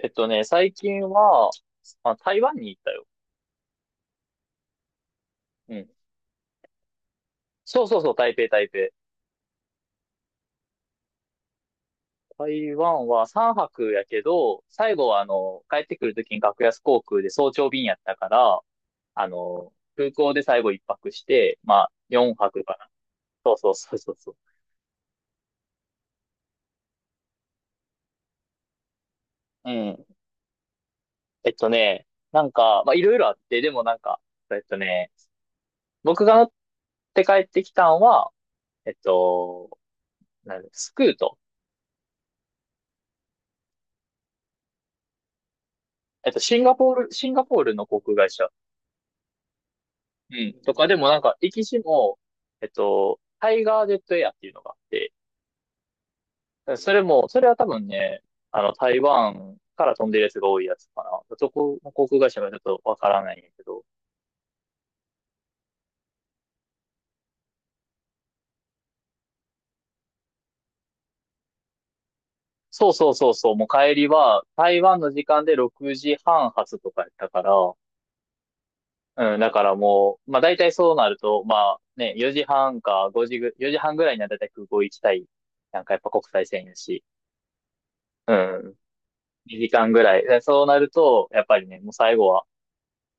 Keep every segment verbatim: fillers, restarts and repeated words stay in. えっとね、最近は、あ、台湾に行ったよ。うん。そうそうそう、台北、台北。台湾はさんぱくやけど、最後はあの、帰ってくるときに格安航空で早朝便やったから、あの、空港で最後いっぱくして、まあ、よんぱくかな。そうそうそうそうそう。うん。えっとね、なんか、まあ、いろいろあって、でもなんか、えっとね、僕が乗って帰ってきたんは、えっと、なんだスクート。えっと、シンガポール、シンガポールの航空会社。うん。とか、でもなんか、歴史も、えっと、タイガージェットエアっていうのがあって、それも、それは多分ね、あの、台湾から飛んでるやつが多いやつかな。そこ、航空会社がちょっとわからないんやけど。そうそうそうそう、もう帰りは、台湾の時間でろくじはん発とかやったから、うん、だからもう、まあ大体そうなると、まあね、よじはんか5時ぐ、よじはんぐらいには大体空港行きたい。なんかやっぱ国際線やし、うん、にじかんぐらい。でそうなると、やっぱりね、もう最後は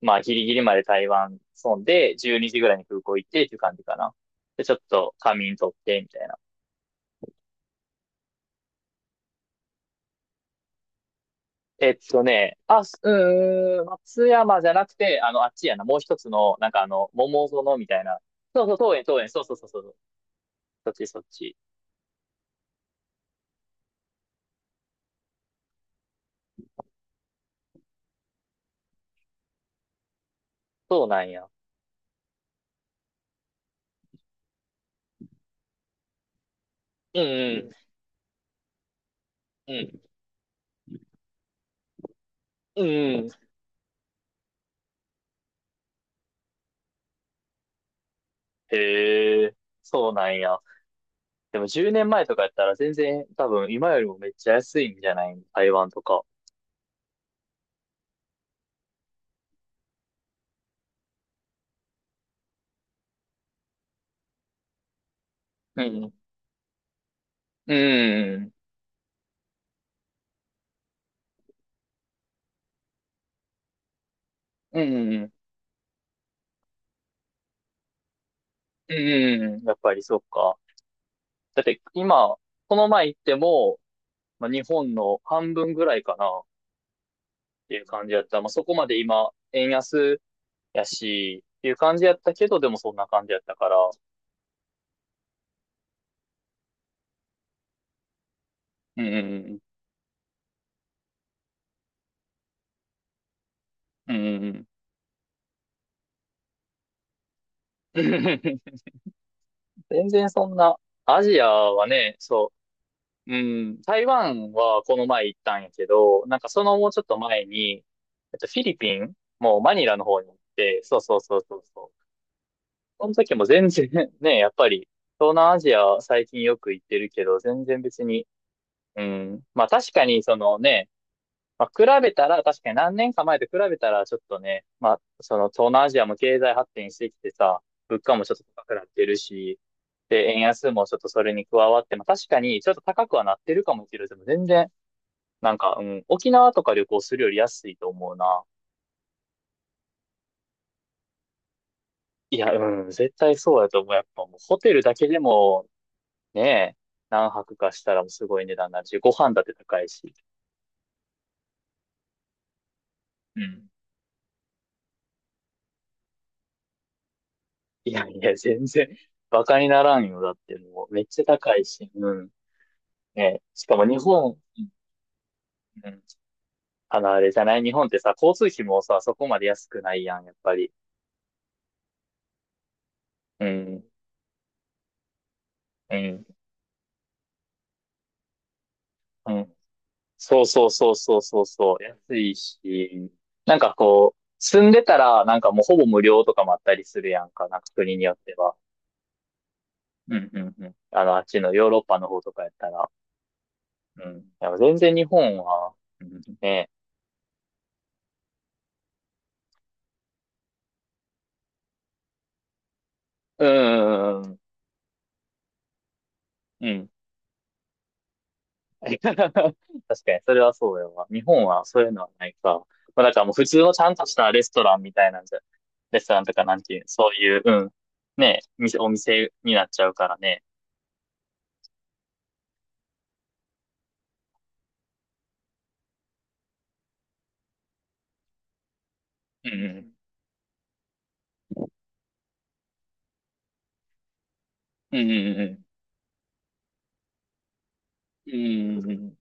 まあ、ギリギリまで台湾損で、じゅうにじぐらいに空港行ってっていう感じかな。で、ちょっと仮眠取って、みたいな。えっとね、あ、すうーん、松山じゃなくて、あの、あっちやな、もう一つの、なんかあの、桃園みたいな。そうそう、桃園、桃園、そうそうそう、そう、そっちそっち。そうなんや。うんうん、うん、うんうん。へえ、そうなんや。でもじゅうねんまえとかやったら全然多分今よりもめっちゃ安いんじゃない台湾とか。うん。うん。うん。うん。うん、やっぱりそっか。だって今、この前行っても、まあ、日本の半分ぐらいかなっていう感じやった。まあ、そこまで今、円安やし、っていう感じやったけど、でもそんな感じやったから。うんうんうん。うんうんうん。全然そんな、アジアはね、そう、うん、台湾はこの前行ったんやけど、なんかそのもうちょっと前に、えっと、フィリピンもうマニラの方に行って、そうそうそうそうそう。その時も全然 ね、やっぱり、東南アジアは最近よく行ってるけど、全然別に、うん。まあ確かにそのね、まあ比べたら、確かに何年か前と比べたらちょっとね、まあその東南アジアも経済発展してきてさ、物価もちょっと高くなってるし、で、円安もちょっとそれに加わって、まあ確かにちょっと高くはなってるかもしれないけど、でも全然、なんか、うん、沖縄とか旅行するより安いと思うな。いや、うん、絶対そうやと思う。やっぱもうホテルだけでもねえ、何泊かしたらもうすごい値段になるし、ご飯だって高いし。うん。いやいや、全然、バカにならんよ。だってもう、めっちゃ高いし。うん。ねえ、しかも日本、うん。あの、あれじゃない日本ってさ、交通費もさ、そこまで安くないやん、やっぱり。うん。うん。うん。そうそうそうそうそうそう。安いし。なんかこう、住んでたら、なんかもうほぼ無料とかもあったりするやんか。なんか国によっては。うんうんうん。あの、あっちのヨーロッパの方とかやったら。うん、やっぱ全然日本はね、うんうんうんうん、うん、確かにそれはそうよな。日本はそういうのないから、まだからもう普通のちゃんとしたレストランみたいなんじゃ、レストランとかなんていうそういううん、ねお店お店になっちゃうからね、うんうんうんうんうんうんうん、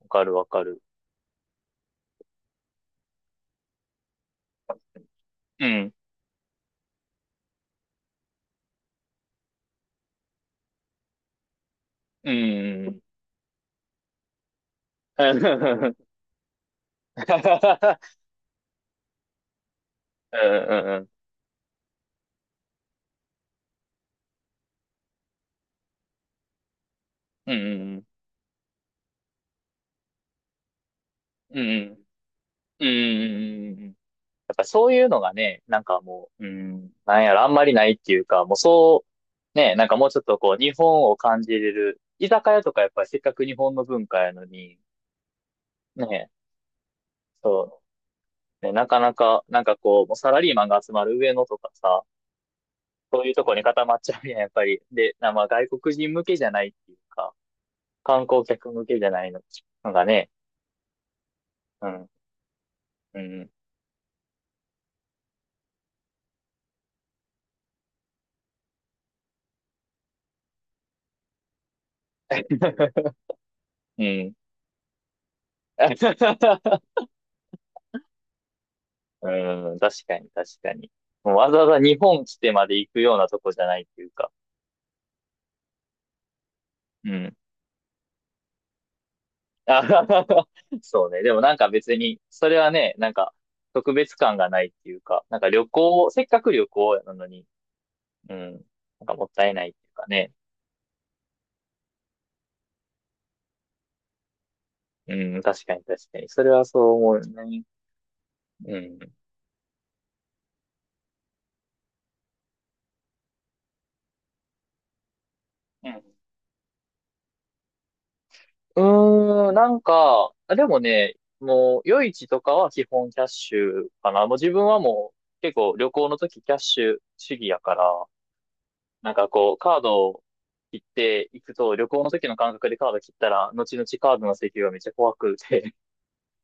わかるわかる、うんうんうんうんうんうんうんうんうんうんうんうんうんうん。やっぱそういうのがね、なんかもう、うん、なんやろ、あんまりないっていうか、もうそう、ね、なんかもうちょっとこう、日本を感じれる、居酒屋とかやっぱりせっかく日本の文化やのに、ね、そう、ね、なかなか、なんかこう、もうサラリーマンが集まる上野とかさ、そういうとこに固まっちゃうやん、やっぱり。で、なまあ外国人向けじゃないっていうか、観光客向けじゃないののがね、うん、うん、うん。うん、確かに、確かに。もうわざわざ日本来てまで行くようなとこじゃないっていうか。うん。あはははそうね。でもなんか別に、それはね、なんか特別感がないっていうか、なんか旅行を、せっかく旅行なのに、うん、なんかもったいないっていうかね。うん、確かに確かに。それはそう思うね。うん。うん。うーん、なんか、あでもね、もう、夜市とかは基本キャッシュかな。もう自分はもう、結構旅行の時キャッシュ主義やから、なんかこう、カードを切っていくと、旅行の時の感覚でカード切ったら、後々カードの請求がめっちゃ怖くて。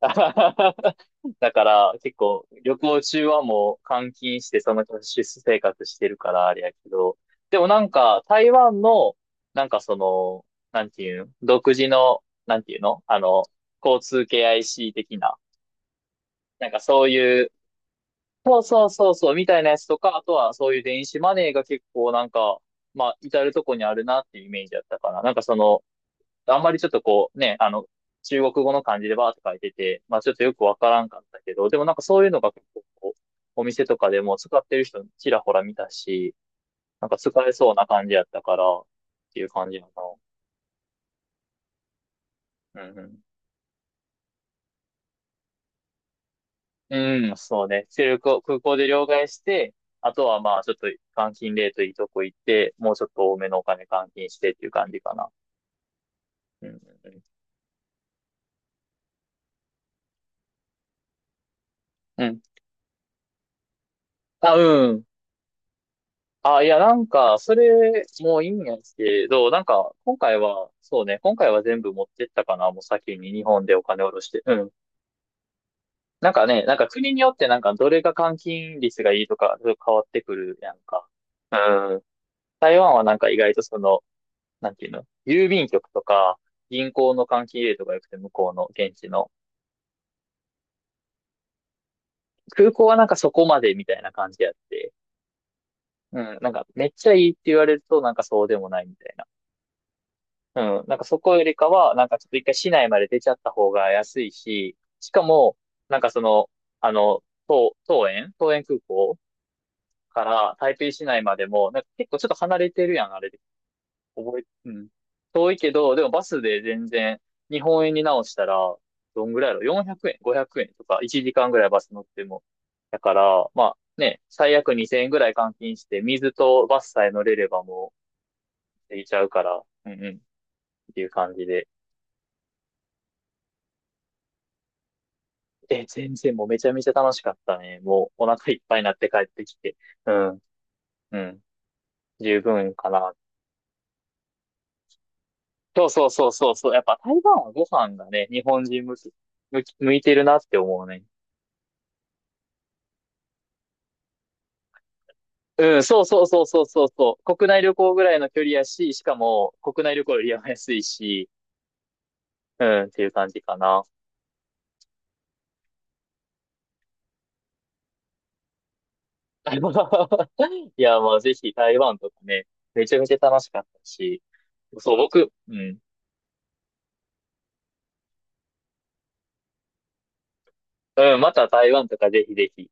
だから結構旅行中はもう換金してそのキャッシュ生活してるからあれやけど、でもなんか台湾の、なんかその、なんていうの独自の、なんていうのあの、交通系 アイシー 的な、なんかそういうそうそうそうそう、みたいなやつとか、あとはそういう電子マネーが結構なんか、まあ、至るとこにあるなっていうイメージだったかな。なんかその、あんまりちょっとこうね、あの、中国語の漢字でバーって書いてて、まあちょっとよくわからんかったけど、でもなんかそういうのが結構こう、お店とかでも使ってる人ちらほら見たし、なんか使えそうな感じやったから、っていう感じやな。うんうん。うん、そうね。出力を空港で両替して、あとはまあ、ちょっと換金レートいいとこ行って、もうちょっと多めのお金換金してっていう感じかな。うん、うん。うんあ、うん。あ、いや、なんか、それ、もういいんやけど、なんか、今回は、そうね、今回は全部持ってったかな、もう先に日本でお金下ろして。うん。なんかね、なんか国によってなんか、どれが換金率がいいとか、変わってくるやんか。うん。台湾はなんか意外とその、なんていうの郵便局とか、銀行の関係とかよくて、向こうの現地の。空港はなんかそこまでみたいな感じやって。うん、なんかめっちゃいいって言われると、なんかそうでもないみたいな。うん、なんかそこよりかは、なんかちょっと一回市内まで出ちゃった方が安いし、しかも、なんかその、あの、桃、園、桃園空港から台北市内までも、なんか結構ちょっと離れてるやん、あれっ覚え、うん。遠いけど、でもバスで全然、日本円に直したら、どんぐらいやろ ?よんひゃく 円、ごひゃくえんとか、いちじかんぐらいバス乗っても。だから、まあね、最悪にせんえんぐらい換金して、水とバスさえ乗れればもう、いちゃうから、うんうん、っていう感じで。え、全然もうめちゃめちゃ楽しかったね。もうお腹いっぱいになって帰ってきて。うん、うん、十分かな。そうそうそうそうそう。やっぱ台湾はご飯がね、日本人向き、向き、向いてるなって思うね。うん、そうそうそうそうそうそう。国内旅行ぐらいの距離やし、しかも国内旅行よりは安いし、うん、っていう感じかな。いや、まあぜひ台湾とかね、めちゃめちゃ楽しかったし、そう、僕、うん、うん、また台湾とかぜひぜひ。